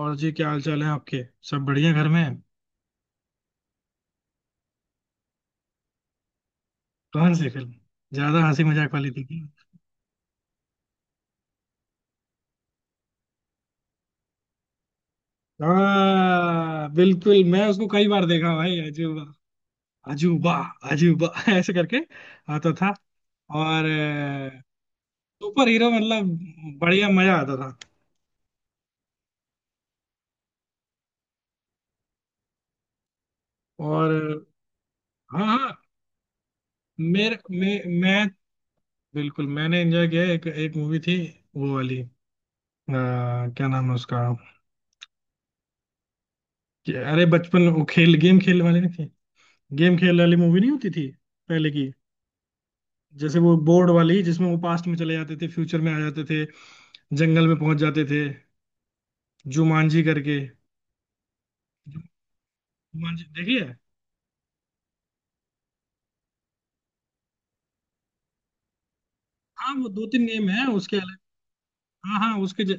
और जी, क्या हाल चाल है आपके। सब बढ़िया घर में। कौन सी फिल्म? ज्यादा हंसी मजाक वाली थी क्या? हाँ बिल्कुल, मैं उसको कई बार देखा भाई। अजूबा, अजूबा, अजूबा ऐसे करके आता था। और सुपर हीरो, मतलब बढ़िया मजा आता था। और हाँ हाँ, मेरे मैं बिल्कुल, मैंने एंजॉय किया। एक एक मूवी थी। वो वाली, क्या नाम है उसका? अरे बचपन, वो खेल गेम खेलने वाली नहीं थी। गेम खेल वाली मूवी नहीं होती थी पहले की। जैसे वो बोर्ड वाली, जिसमें वो पास्ट में चले जाते थे, फ्यूचर में आ जाते थे, जंगल में पहुंच जाते थे, जुमांजी करके। जुमांजी देखिए। हाँ, वो दो तीन गेम है उसके अलग। हाँ हाँ,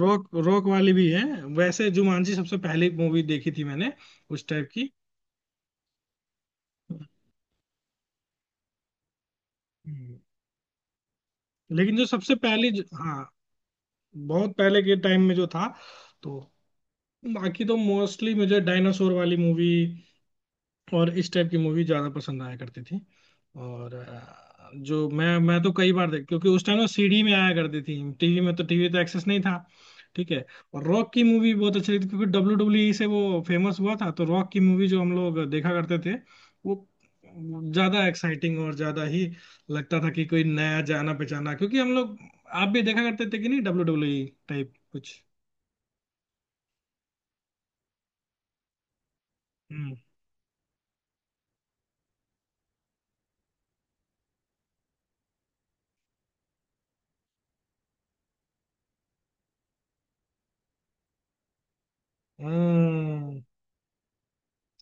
रॉक रॉक वाली भी है। वैसे जुमांजी सबसे पहली मूवी देखी थी मैंने, उस टाइप की। हम्म। लेकिन जो सबसे पहली हाँ, बहुत पहले के टाइम में जो था, तो बाकी तो मोस्टली मुझे डायनासोर वाली मूवी और इस टाइप की मूवी ज्यादा पसंद आया करती थी। और जो मैं तो कई बार देख, क्योंकि उस टाइम ना सीडी में आया करती थी, टीवी में तो, टीवी तो एक्सेस नहीं था। ठीक है। और रॉक की मूवी बहुत अच्छी लगती थी, क्योंकि WWE से वो फेमस हुआ था, तो रॉक की मूवी जो हम लोग देखा करते थे, वो ज्यादा एक्साइटिंग और ज्यादा ही लगता था कि कोई नया जाना पहचाना, क्योंकि हम लोग, आप भी देखा करते थे कि नहीं WWE टाइप कुछ? हम्म, हम्म।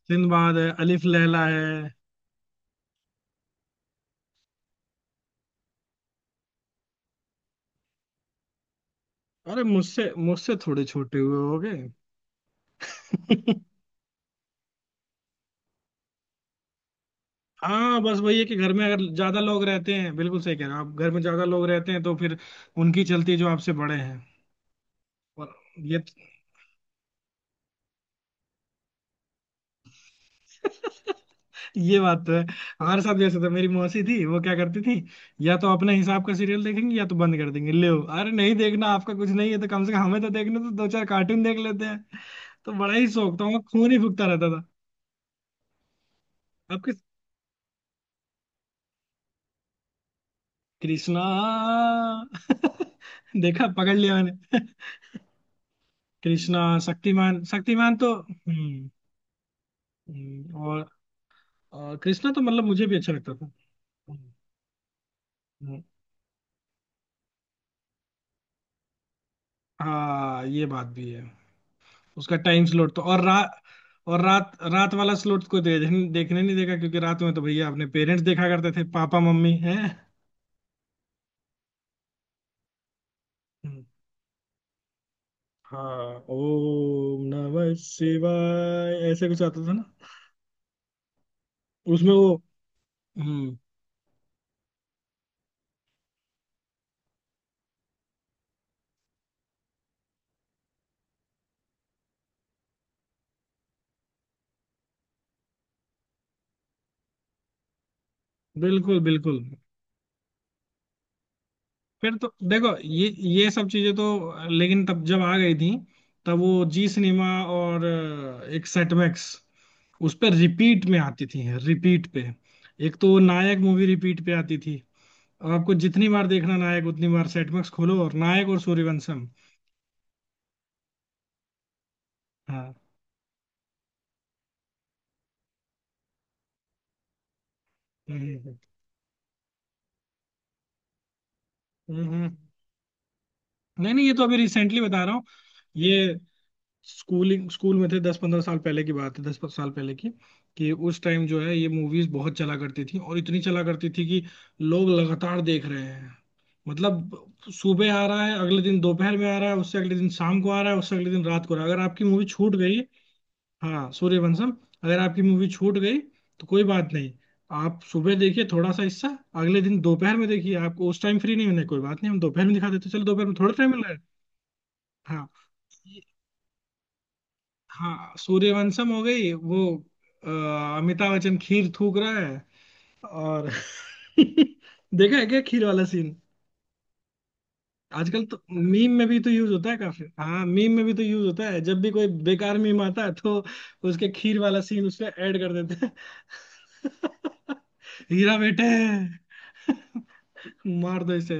सिंदबाद है, अलिफ लैला है। अरे मुझसे मुझसे थोड़े छोटे हुए होगे। हाँ बस वही है कि घर में अगर ज्यादा लोग रहते हैं, बिल्कुल सही कह रहे हो आप, घर में ज्यादा लोग रहते हैं तो फिर उनकी चलती है, जो आपसे बड़े हैं, और ये। ये बात तो है। हमारे साथ भी ऐसा था, मेरी मौसी थी, वो क्या करती थी? या तो अपने हिसाब का सीरियल देखेंगे, या तो बंद कर देंगे, ले अरे नहीं, देखना आपका कुछ नहीं है तो कम से कम हमें तो देखने तो दो, चार कार्टून देख लेते हैं। तो बड़ा ही शौक था उनका, खून ही फूकता रहता था। आपके कृष्णा? देखा, पकड़ लिया मैंने। कृष्णा, शक्तिमान, शक्तिमान तो हम्म। और। और कृष्णा तो मतलब मुझे भी अच्छा लगता था। हम्म, हाँ ये बात भी है। उसका टाइम स्लॉट तो, और रात। और रात रात वाला स्लॉट को देखने नहीं देगा, क्योंकि रात में तो भैया अपने पेरेंट्स देखा करते थे, पापा मम्मी है। हम्म, हाँ ओम नमः शिवाय ऐसे कुछ आता था ना। उसमें वो, हम्म। बिल्कुल, बिल्कुल। फिर तो देखो ये सब चीजें तो लेकिन तब जब आ गई थी, तब वो जी सिनेमा और एक सेटमैक्स, उस पर रिपीट में आती थी, रिपीट पे। एक तो नायक मूवी रिपीट पे आती थी, और आपको जितनी बार देखना नायक, उतनी बार सेटमैक्स खोलो, और नायक, और सूर्यवंशम। हाँ, हम्म, हम्म, हम्म, हम्म। नहीं नहीं, ये तो अभी रिसेंटली बता रहा हूँ। ये स्कूल में थे, 10-15 साल पहले की बात है, 10 साल पहले की। कि उस टाइम जो है, ये मूवीज बहुत चला करती थी, और इतनी चला करती थी कि लोग लगातार देख रहे हैं, मतलब, सुबह आ रहा है, अगले दिन दोपहर में आ रहा है, उससे अगले दिन शाम को आ रहा है, उससे अगले दिन रात को आ रहा है। अगर आपकी मूवी छूट गई, हाँ सूर्यवंशम, अगर आपकी मूवी छूट गई तो कोई बात नहीं, आप सुबह देखिए थोड़ा सा हिस्सा, अगले दिन दोपहर में देखिए, आपको उस टाइम फ्री नहीं होने, कोई बात नहीं, हम दोपहर में दिखा देते हैं। चलो दोपहर में थोड़ा टाइम मिल रहा है। हाँ, हाँ सूर्यवंशम हो गई वो। अ, अमिताभ बच्चन खीर थूक रहा है, और देखा है क्या खीर वाला सीन? आजकल तो मीम में भी तो यूज होता है काफी, हाँ, मीम में भी तो यूज होता है, जब भी कोई बेकार मीम आता है तो उसके खीर वाला सीन उसमें ऐड कर देते हैं। हीरा बेटे मार दो इसे।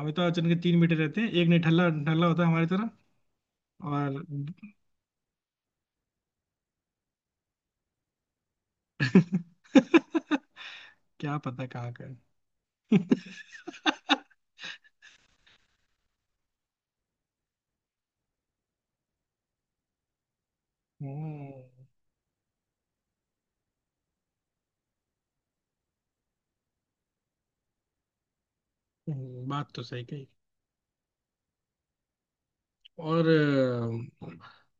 अमिताभ बच्चन के तीन बेटे रहते हैं, एक निठल्ला ढल्ला होता है हमारी तरह, और क्या पता कहाँ का है। हम्म, बात तो सही कही। और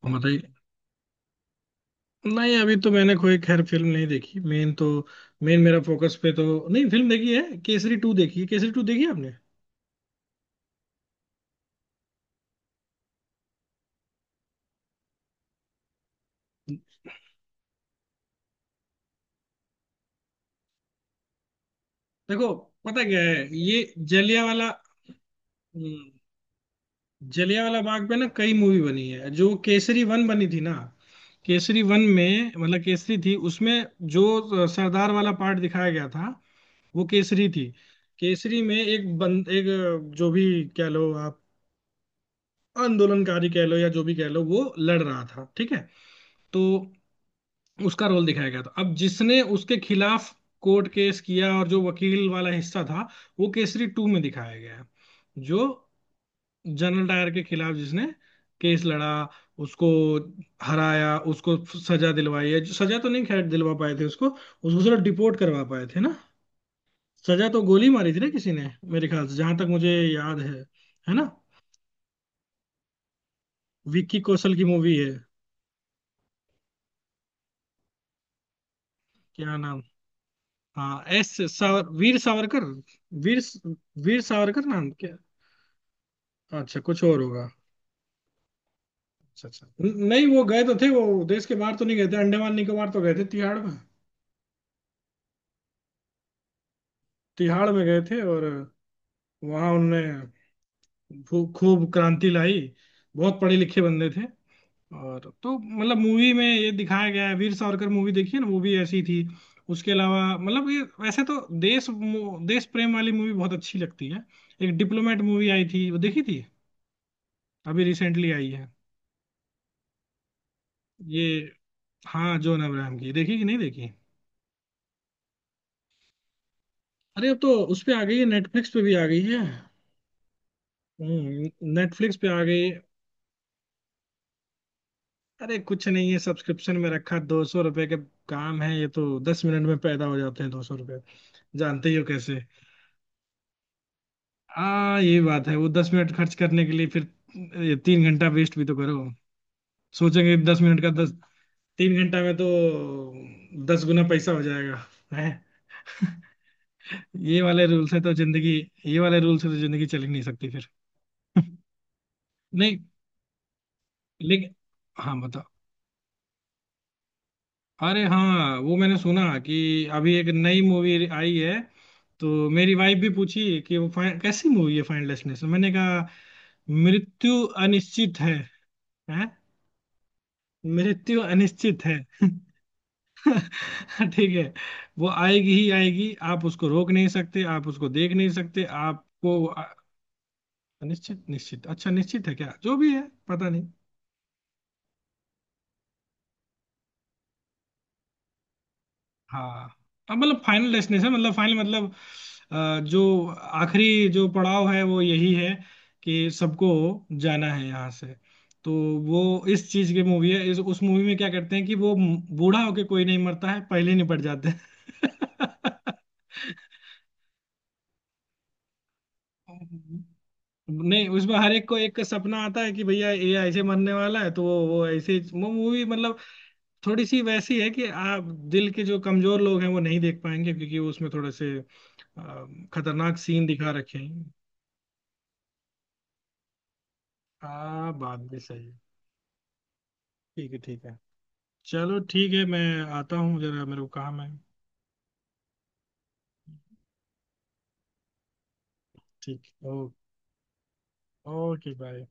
बताइए। नहीं, अभी तो मैंने कोई खैर फिल्म नहीं देखी। मेन मेरा फोकस पे तो, नहीं फिल्म देखी है, केसरी टू देखी है। केसरी टू देखी है आपने? देखो, पता क्या है ये, जलिया वाला जलिया वाला बाग पे ना कई मूवी बनी है, जो केसरी वन बनी थी ना। केसरी वन में मतलब केसरी थी उसमें, जो सरदार वाला पार्ट दिखाया गया था वो केसरी थी। केसरी में एक बंद, एक जो भी, क्या लो आप, आंदोलनकारी कह लो या जो भी कह लो, वो लड़ रहा था, ठीक है। तो उसका रोल दिखाया गया था। अब जिसने उसके खिलाफ कोर्ट केस किया और जो वकील वाला हिस्सा था, वो केसरी टू में दिखाया गया है, जो जनरल डायर के खिलाफ, जिसने केस लड़ा, उसको हराया, उसको सजा दिलवाई है, जो सजा तो नहीं खैर दिलवा पाए थे उसको उसको सिर्फ डिपोर्ट करवा पाए थे ना। सजा तो गोली मारी थी ना किसी ने, मेरे ख्याल से जहां तक मुझे याद है ना। विक्की कौशल की मूवी है। क्या नाम? हाँ, एस सावर वीर सावरकर। वीर वीर सावरकर नाम क्या? अच्छा, कुछ और होगा। अच्छा, अच्छा, नहीं वो गए तो थे, वो देश के बाहर तो नहीं गए थे, अंडमान निकोबार तो गए थे, तिहाड़ में। तिहाड़ में गए थे, और वहां उन्होंने खूब क्रांति लाई, बहुत पढ़े लिखे बंदे थे, और तो मतलब मूवी में ये दिखाया गया है, वीर सावरकर मूवी देखी है ना, वो भी ऐसी थी। उसके अलावा मतलब ये, वैसे तो देश देश प्रेम वाली मूवी बहुत अच्छी लगती है। एक डिप्लोमेट मूवी आई थी, वो देखी थी, अभी रिसेंटली आई है। ये, हाँ जॉन अब्राहम की, देखी कि नहीं देखी? अरे अब तो उस पे आ गई है, नेटफ्लिक्स पे भी आ गई है। हम्म, नेटफ्लिक्स पे आ गई। अरे कुछ नहीं है, सब्सक्रिप्शन में रखा 200 रुपए के। काम है ये, तो 10 मिनट में पैदा हो जाते हैं 200 रुपए, जानते ही हो कैसे। हाँ ये बात है, वो 10 मिनट खर्च करने के लिए फिर ये 3 घंटा वेस्ट भी तो करो। सोचेंगे 10 मिनट का, दस 3 घंटा में तो 10 गुना पैसा हो जाएगा, है? ये वाले रूल से तो जिंदगी ये वाले रूल से तो जिंदगी चल ही नहीं सकती फिर। नहीं लेकिन, हाँ बताओ। अरे हाँ, वो मैंने सुना कि अभी एक नई मूवी आई है। तो मेरी वाइफ भी पूछी कि वो कैसी मूवी है फाइनल डेस्टिनेशन, मैंने कहा, मृत्यु अनिश्चित है, हैं? मृत्यु अनिश्चित है। ठीक है, वो आएगी ही आएगी, आप उसको रोक नहीं सकते, आप उसको देख नहीं सकते, आपको। अनिश्चित, निश्चित, अच्छा निश्चित है क्या, जो भी है, पता नहीं। हाँ अब मतलब फाइनल डेस्टिनेशन मतलब फाइनल मतलब जो आखिरी जो पड़ाव है वो यही है, कि सबको जाना है यहाँ से, तो वो इस चीज की मूवी है। इस, उस मूवी में क्या करते हैं कि वो बूढ़ा होके कोई नहीं मरता है, पहले निपट जाते हैं। नहीं, उसमें हर एक को एक सपना आता है कि भैया ये ऐसे मरने वाला है, तो वो वो मूवी मतलब थोड़ी सी वैसी है कि आप, दिल के जो कमजोर लोग हैं वो नहीं देख पाएंगे, क्योंकि वो उसमें थोड़े से खतरनाक सीन दिखा रखे हैं। आ बात भी सही है। ठीक है, ठीक है। चलो ठीक है, मैं आता हूँ जरा, मेरे को काम है। ठीक, ओ ओके बाय।